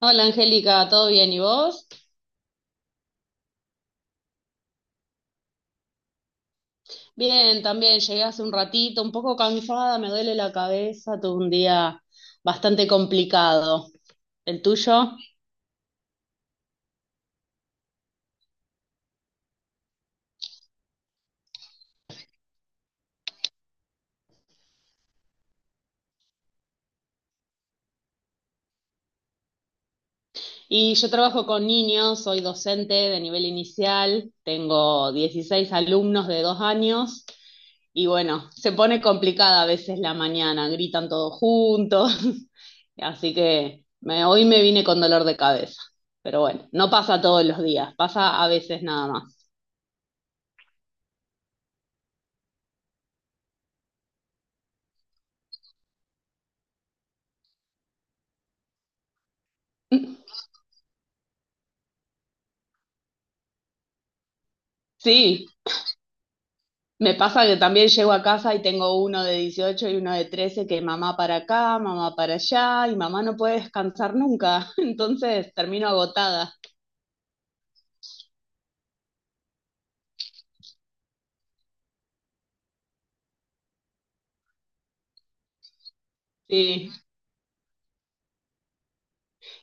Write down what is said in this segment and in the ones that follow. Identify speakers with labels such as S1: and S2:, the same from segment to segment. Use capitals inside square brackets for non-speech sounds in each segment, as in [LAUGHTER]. S1: Hola Angélica, ¿todo bien? ¿Y vos? Bien, también llegué hace un ratito, un poco cansada, me duele la cabeza, tuve un día bastante complicado. ¿El tuyo? Y yo trabajo con niños, soy docente de nivel inicial, tengo 16 alumnos de dos años y bueno, se pone complicada a veces la mañana, gritan todos juntos. [LAUGHS] Hoy me vine con dolor de cabeza, pero bueno, no pasa todos los días, pasa a veces nada más. Sí, me pasa que también llego a casa y tengo uno de 18 y uno de 13 que mamá para acá, mamá para allá, y mamá no puede descansar nunca. [LAUGHS] Entonces termino agotada. Sí,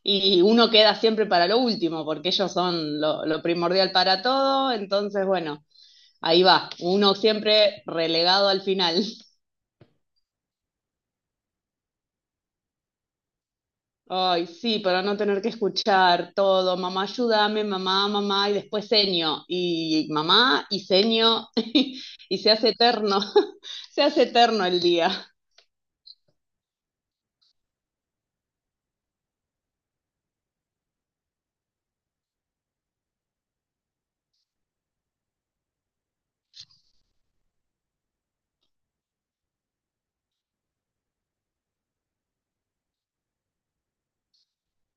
S1: y uno queda siempre para lo último porque ellos son lo primordial para todo, entonces bueno, ahí va, uno siempre relegado al final. Ay, sí, para no tener que escuchar todo, mamá, ayúdame, mamá, mamá, y después seño, y mamá, y seño, [LAUGHS] y se hace eterno, [LAUGHS] se hace eterno el día,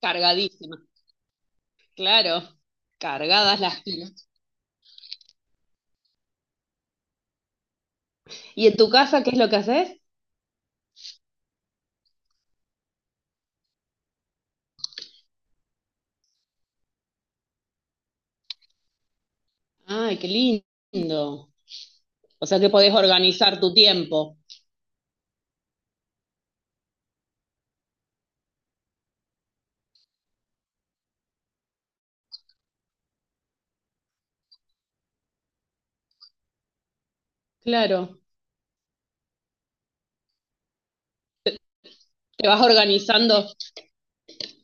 S1: cargadísima, claro, cargadas las pilas. ¿Y en tu casa qué es lo que haces? Ay, qué lindo. O sea que podés organizar tu tiempo, claro, te vas organizando,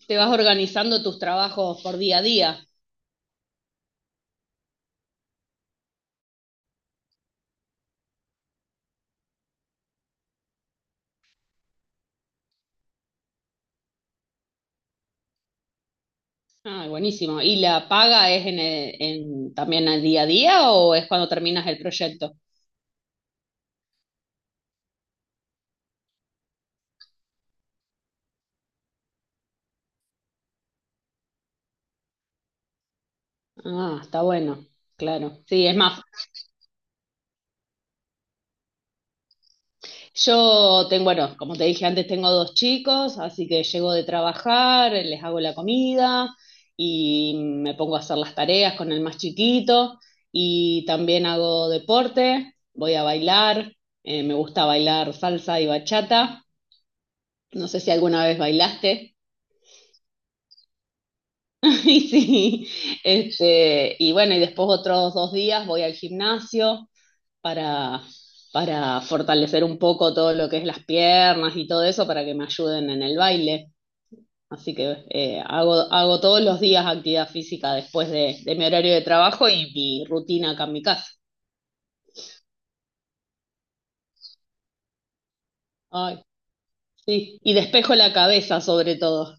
S1: te vas organizando tus trabajos por día a día. Ah, buenísimo. ¿Y la paga es también al día a día o es cuando terminas el proyecto? Ah, está bueno, claro. Sí, es más, yo tengo, bueno, como te dije antes, tengo dos chicos, así que llego de trabajar, les hago la comida y me pongo a hacer las tareas con el más chiquito, y también hago deporte, voy a bailar. Me gusta bailar salsa y bachata. No sé si alguna vez bailaste. [LAUGHS] Y sí, este, y bueno, y después otros dos días voy al gimnasio para, para fortalecer un poco todo lo que es las piernas y todo eso para que me ayuden en el baile. Así que hago, hago todos los días actividad física después de mi horario de trabajo y mi rutina acá en mi casa. Ay, sí. Y despejo la cabeza sobre todo.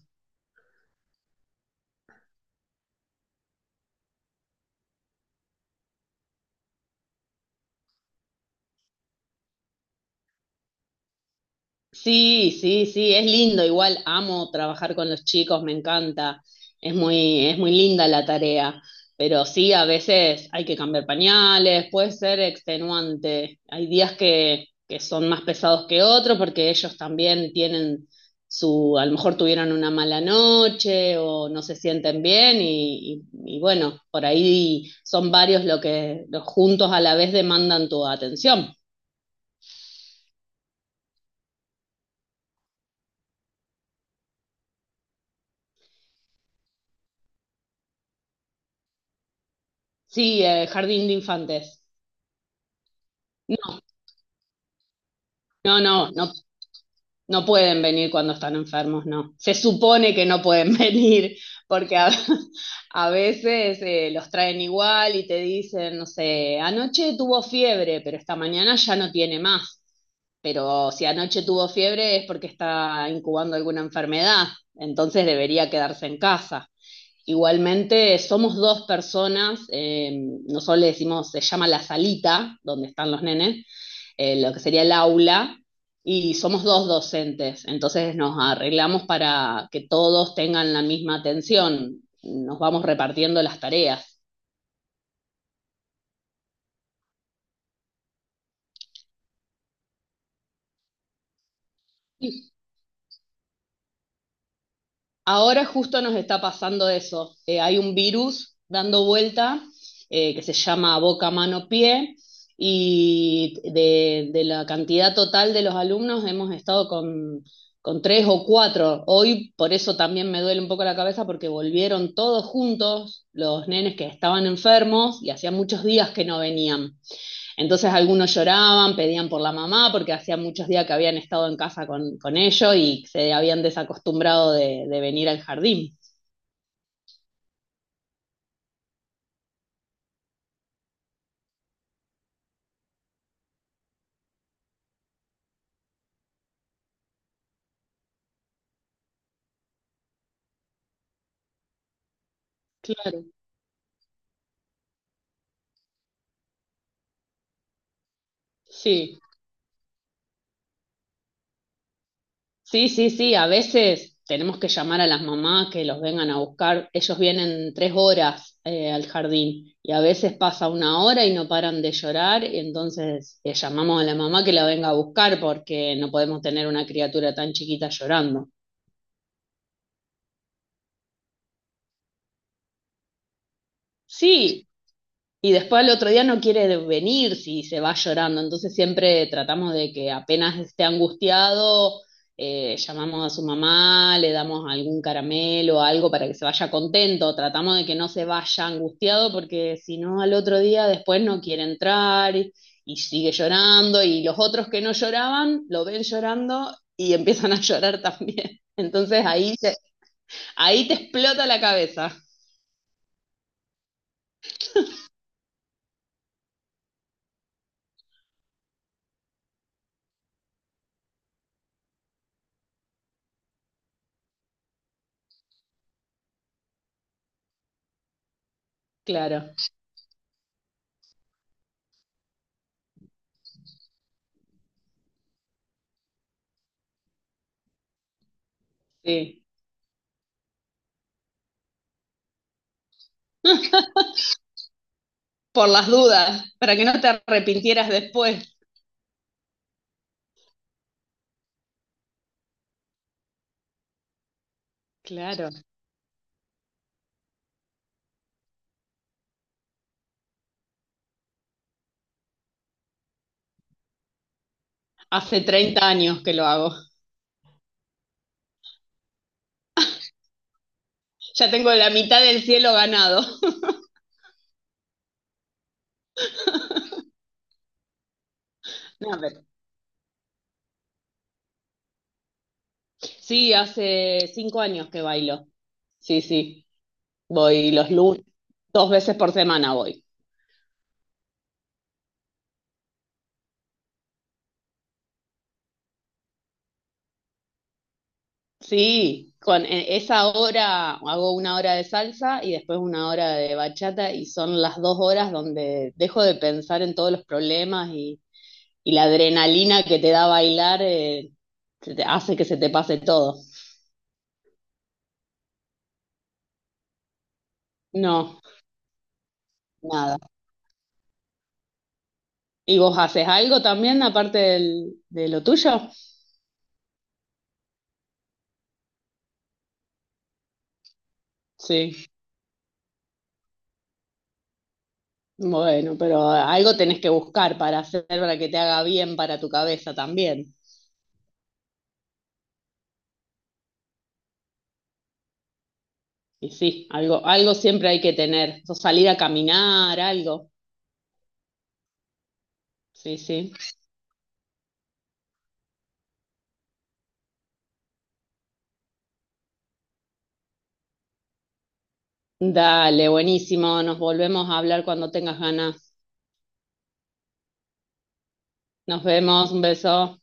S1: Sí, sí, sí, es lindo, igual amo trabajar con los chicos, me encanta, es muy linda la tarea, pero sí, a veces hay que cambiar pañales, puede ser extenuante, hay días que son más pesados que otros porque ellos también tienen su, a lo mejor tuvieron una mala noche o no se sienten bien y bueno, por ahí son varios lo que los juntos a la vez demandan tu atención. Sí, jardín de infantes. No, no, no, no pueden venir cuando están enfermos, no. Se supone que no pueden [LAUGHS] venir, porque a veces los traen igual y te dicen, no sé, anoche tuvo fiebre, pero esta mañana ya no tiene más. Pero si anoche tuvo fiebre es porque está incubando alguna enfermedad, entonces debería quedarse en casa. Igualmente, somos dos personas, nosotros le decimos, se llama la salita, donde están los nenes, lo que sería el aula, y somos dos docentes, entonces nos arreglamos para que todos tengan la misma atención, nos vamos repartiendo las tareas. Ahora justo nos está pasando eso. Hay un virus dando vuelta que se llama boca, mano, pie, y de la cantidad total de los alumnos hemos estado con tres o cuatro. Hoy por eso también me duele un poco la cabeza porque volvieron todos juntos los nenes que estaban enfermos y hacía muchos días que no venían. Entonces algunos lloraban, pedían por la mamá, porque hacía muchos días que habían estado en casa con ellos, y se habían desacostumbrado de venir al jardín. Claro, sí. Sí, sí, sí, a veces tenemos que llamar a las mamás que los vengan a buscar. Ellos vienen tres horas al jardín y a veces pasa una hora y no paran de llorar, y entonces llamamos a la mamá que la venga a buscar porque no podemos tener una criatura tan chiquita llorando. Sí, y después al otro día no quiere venir si se va llorando. Entonces siempre tratamos de que apenas esté angustiado, llamamos a su mamá, le damos algún caramelo, o algo para que se vaya contento. Tratamos de que no se vaya angustiado porque si no al otro día después no quiere entrar, y sigue llorando. Y los otros que no lloraban lo ven llorando y [LAUGHS] empiezan a llorar también. Entonces ahí te explota la cabeza. Claro, sí. [LAUGHS] Por las dudas, para que no te arrepintieras después. Claro, hace 30 años que lo hago. Ya tengo la mitad del cielo ganado. [LAUGHS] No, pero- sí, hace 5 años que bailo. Sí, sí, voy los lunes, dos veces por semana voy. Sí, con esa hora hago una hora de salsa y después una hora de bachata, y son las dos horas donde dejo de pensar en todos los problemas, y la adrenalina que te da bailar, hace que se te pase todo. No, nada. ¿Y vos haces algo también aparte de lo tuyo? Sí, bueno, pero algo tenés que buscar para hacer, para que te haga bien para tu cabeza también. Y sí, algo, algo siempre hay que tener. O salir a caminar, algo. Sí, sí. Dale, buenísimo. Nos volvemos a hablar cuando tengas ganas. Nos vemos, un beso.